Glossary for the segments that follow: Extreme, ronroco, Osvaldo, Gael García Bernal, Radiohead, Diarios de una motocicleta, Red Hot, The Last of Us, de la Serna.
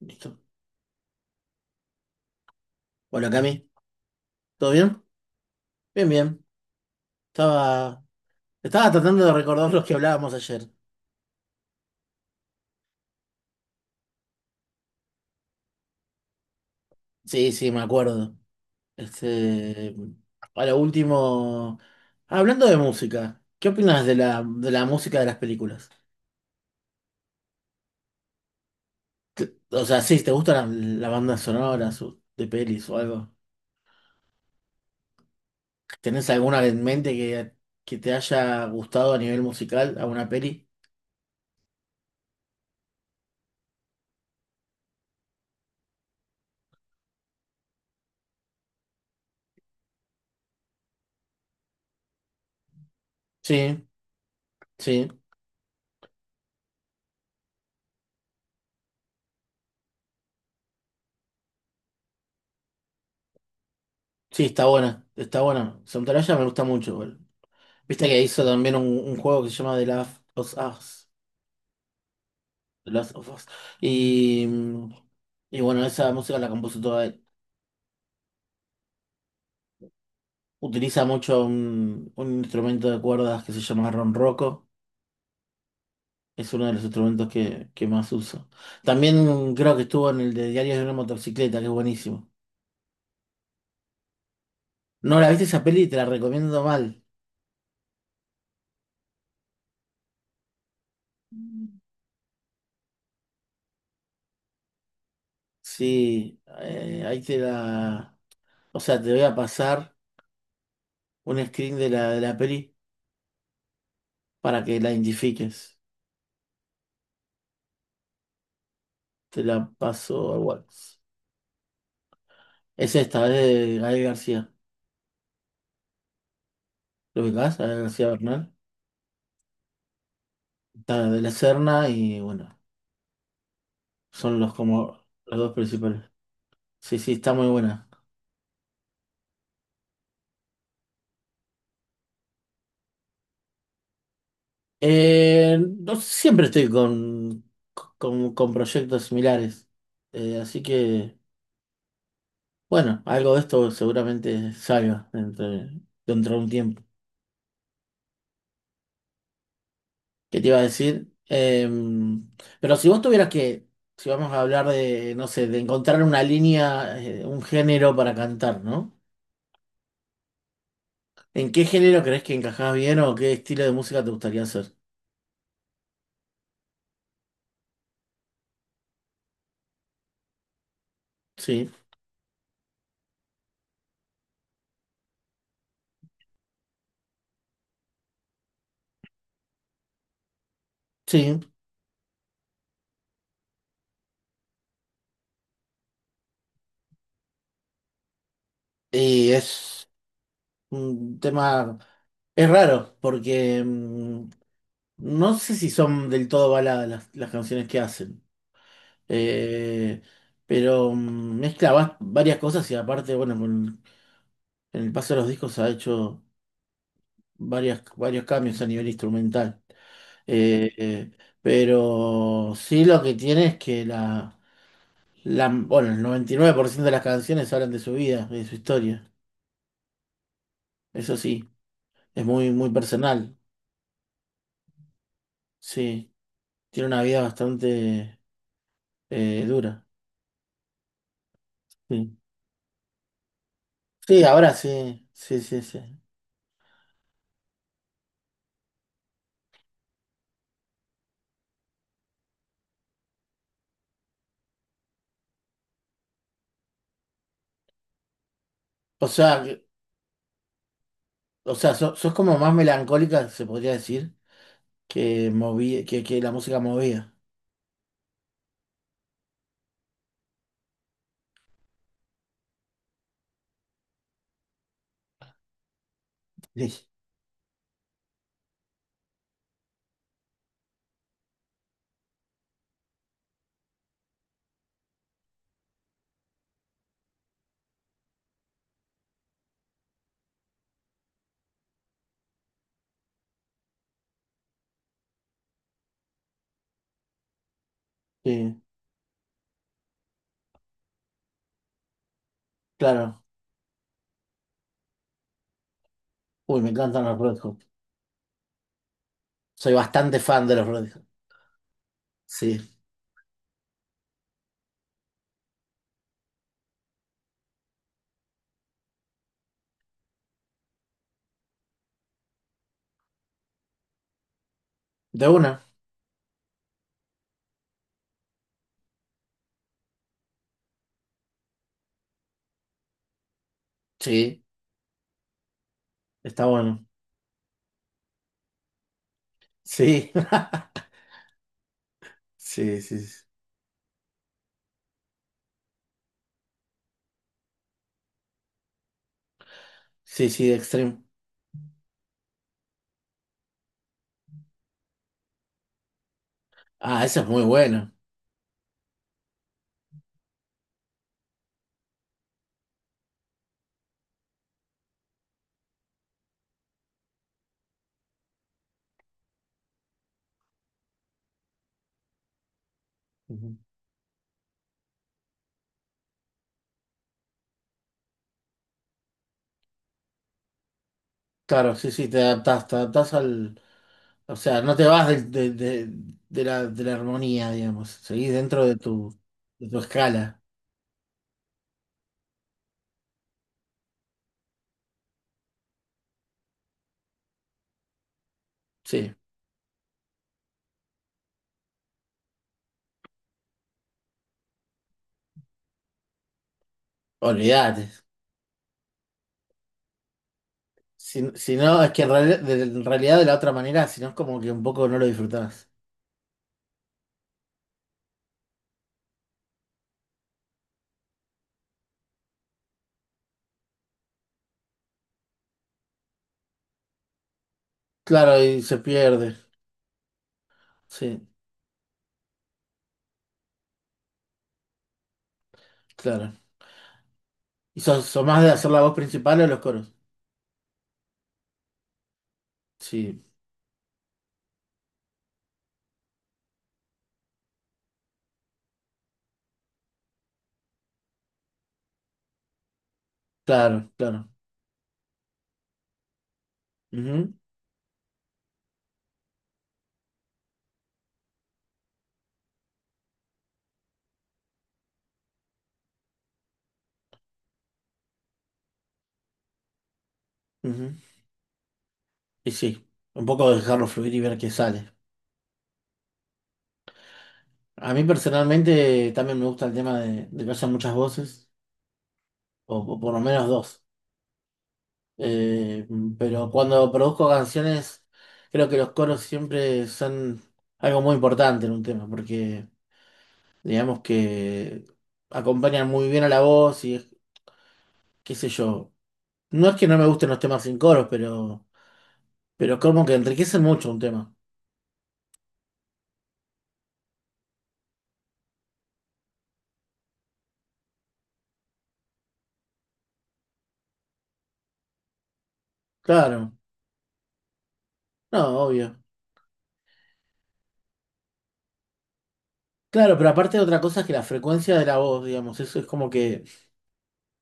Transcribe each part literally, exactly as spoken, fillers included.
Listo. Hola Cami, ¿todo bien? Bien, bien. Estaba, estaba tratando de recordar los que hablábamos ayer. Sí, sí, me acuerdo. Este, a lo último, ah, hablando de música, ¿qué opinas de la, de la música de las películas? Te- O sea, sí, ¿te gustan las, las bandas sonoras o- de pelis o algo? ¿Tenés alguna en mente que, que te haya gustado a nivel musical, a una peli? Sí, sí, sí, está buena, está buena. Soundtrack me gusta mucho. Viste que hizo también un, un juego que se llama The Last of Us. The Last of Us. Y, y bueno, esa música la compuso toda él. Utiliza mucho un, un instrumento de cuerdas que se llama ronroco. Es uno de los instrumentos que, que más uso. También creo que estuvo en el de Diarios de una motocicleta, que es buenísimo. No la viste esa peli, te la recomiendo mal. Mm. Sí, eh, ahí te la... O sea, te voy a pasar un screen de la, de la peli para que la identifiques. Te la paso al WhatsApp. Es esta, es de Gael García. ¿Lo ubicás? Gael García Bernal. Está de la Serna y bueno, son los como los dos principales. Sí, sí, está muy buena. Eh, no siempre estoy con, con, con proyectos similares. Eh, así que, bueno, algo de esto seguramente salga dentro, dentro de un tiempo. ¿Qué te iba a decir? Em, pero si vos tuvieras que, si vamos a hablar de, no sé, de encontrar una línea, eh, un género para cantar, ¿no? ¿En qué género crees que encajás bien o qué estilo de música te gustaría hacer? Sí, sí. Y es un tema, es raro, porque em, no sé si son del todo baladas las, las canciones que hacen. Eh, pero mm, mezcla va- varias cosas y aparte, bueno, con, en el paso de los discos ha hecho varias, varios cambios a nivel instrumental. Eh, eh, pero sí lo que tiene es que la, la, bueno, el noventa y nueve por ciento de las canciones hablan de su vida, de su historia. Eso sí, es muy, muy personal. Sí, tiene una vida bastante eh, dura. Sí. Sí, ahora sí, sí, sí, sí. O sea, que- o sea, so- sos como más melancólica, se podría decir, que moví, que, que la música movía. Sí, sí, claro. Uy, me encantan los Red Hot. Soy bastante fan de los Radiohead. Sí. ¿De una? Sí. Está bueno. Sí. Sí, sí. Sí, sí, sí, Extreme. Ah, eso es muy bueno. Ujú. Claro, sí, sí, te adaptás, te adaptás al. O sea, no te vas del- de, de de la, de la armonía, digamos. Seguís dentro de tu, de tu escala. Sí, olvídate. Si, si no, es que en realidad, de, en realidad de la otra manera, si no es como que un poco no lo disfrutás. Claro, y se pierde. Sí, claro. ¿Y sos, sos más de hacer la voz principal o los coros? Sí, claro, claro. Ujú, ujú. Y sí, un poco dejarlo fluir y ver qué sale. A mí personalmente también me gusta el tema de, de que haya muchas voces, o, o por lo menos dos. Eh, pero cuando produzco canciones, creo que los coros siempre son algo muy importante en un tema, porque digamos que acompañan muy bien a la voz y qué sé yo. No es que no me gusten los temas sin coros, pero... Pero como que enriquecen mucho un tema. Claro, no, obvio. Claro, pero aparte otra cosa es que la frecuencia de la voz, digamos, eso es como que,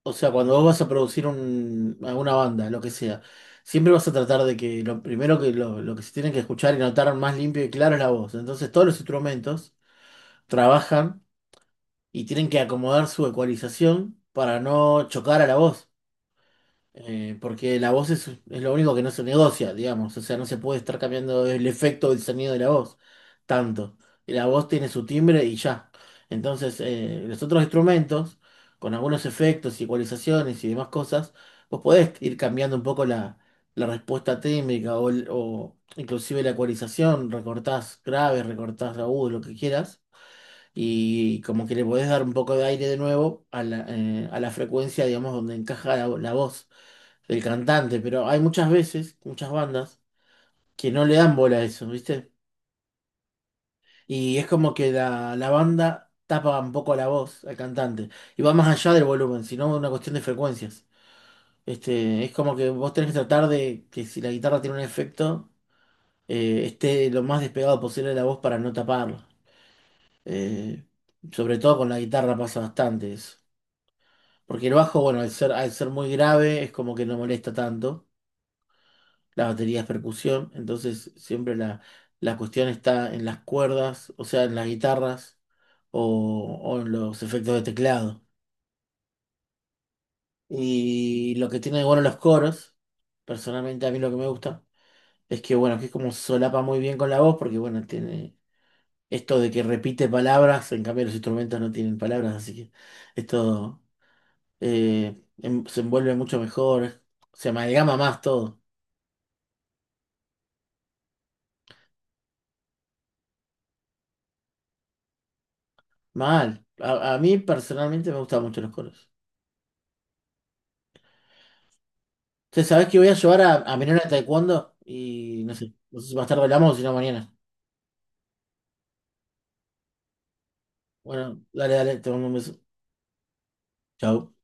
o sea, cuando vos vas a producir un, alguna banda, lo que sea, siempre vas a tratar de que lo primero que lo, lo que se tienen que escuchar y notar más limpio y claro es la voz. Entonces todos los instrumentos trabajan y tienen que acomodar su ecualización para no chocar a la voz. Eh, porque la voz es, es lo único que no se negocia, digamos. O sea, no se puede estar cambiando el efecto del sonido de la voz tanto. La voz tiene su timbre y ya. Entonces, eh, los otros instrumentos, con algunos efectos, igualizaciones y demás cosas, vos podés ir cambiando un poco la, la respuesta técnica o, el- o inclusive la ecualización. Recortás graves, recortás agudos, lo que quieras. Y como que le podés dar un poco de aire de nuevo a la, eh, a la frecuencia, digamos, donde encaja la la voz el cantante, pero hay muchas veces, muchas bandas, que no le dan bola a eso, ¿viste? Y es como que la, la banda tapa un poco la voz al cantante. Y va más allá del volumen, sino una cuestión de frecuencias. Este, es como que vos tenés que tratar de que si la guitarra tiene un efecto, eh, esté lo más despegado posible de la voz para no taparlo. Eh, Sobre todo con la guitarra pasa bastante eso. Porque el bajo, bueno, al ser, al ser muy grave, es como que no molesta tanto. Las baterías percusión, entonces siempre la, la cuestión está en las cuerdas, o sea, en las guitarras o, o en los efectos de teclado. Y lo que tiene de bueno los coros, personalmente a mí lo que me gusta, es que bueno, que es como solapa muy bien con la voz, porque bueno, tiene esto de que repite palabras, en cambio los instrumentos no tienen palabras, así que esto eh, em- se envuelve mucho mejor, se amalgama más todo. Mal. A, a mí personalmente me gustan mucho los coros. Che, ¿sabés que voy a llevar a, a mi nena a taekwondo? Y no sé, no sé si más tarde hablamos o si no mañana. Bueno, dale, dale, te mando un beso. Chau.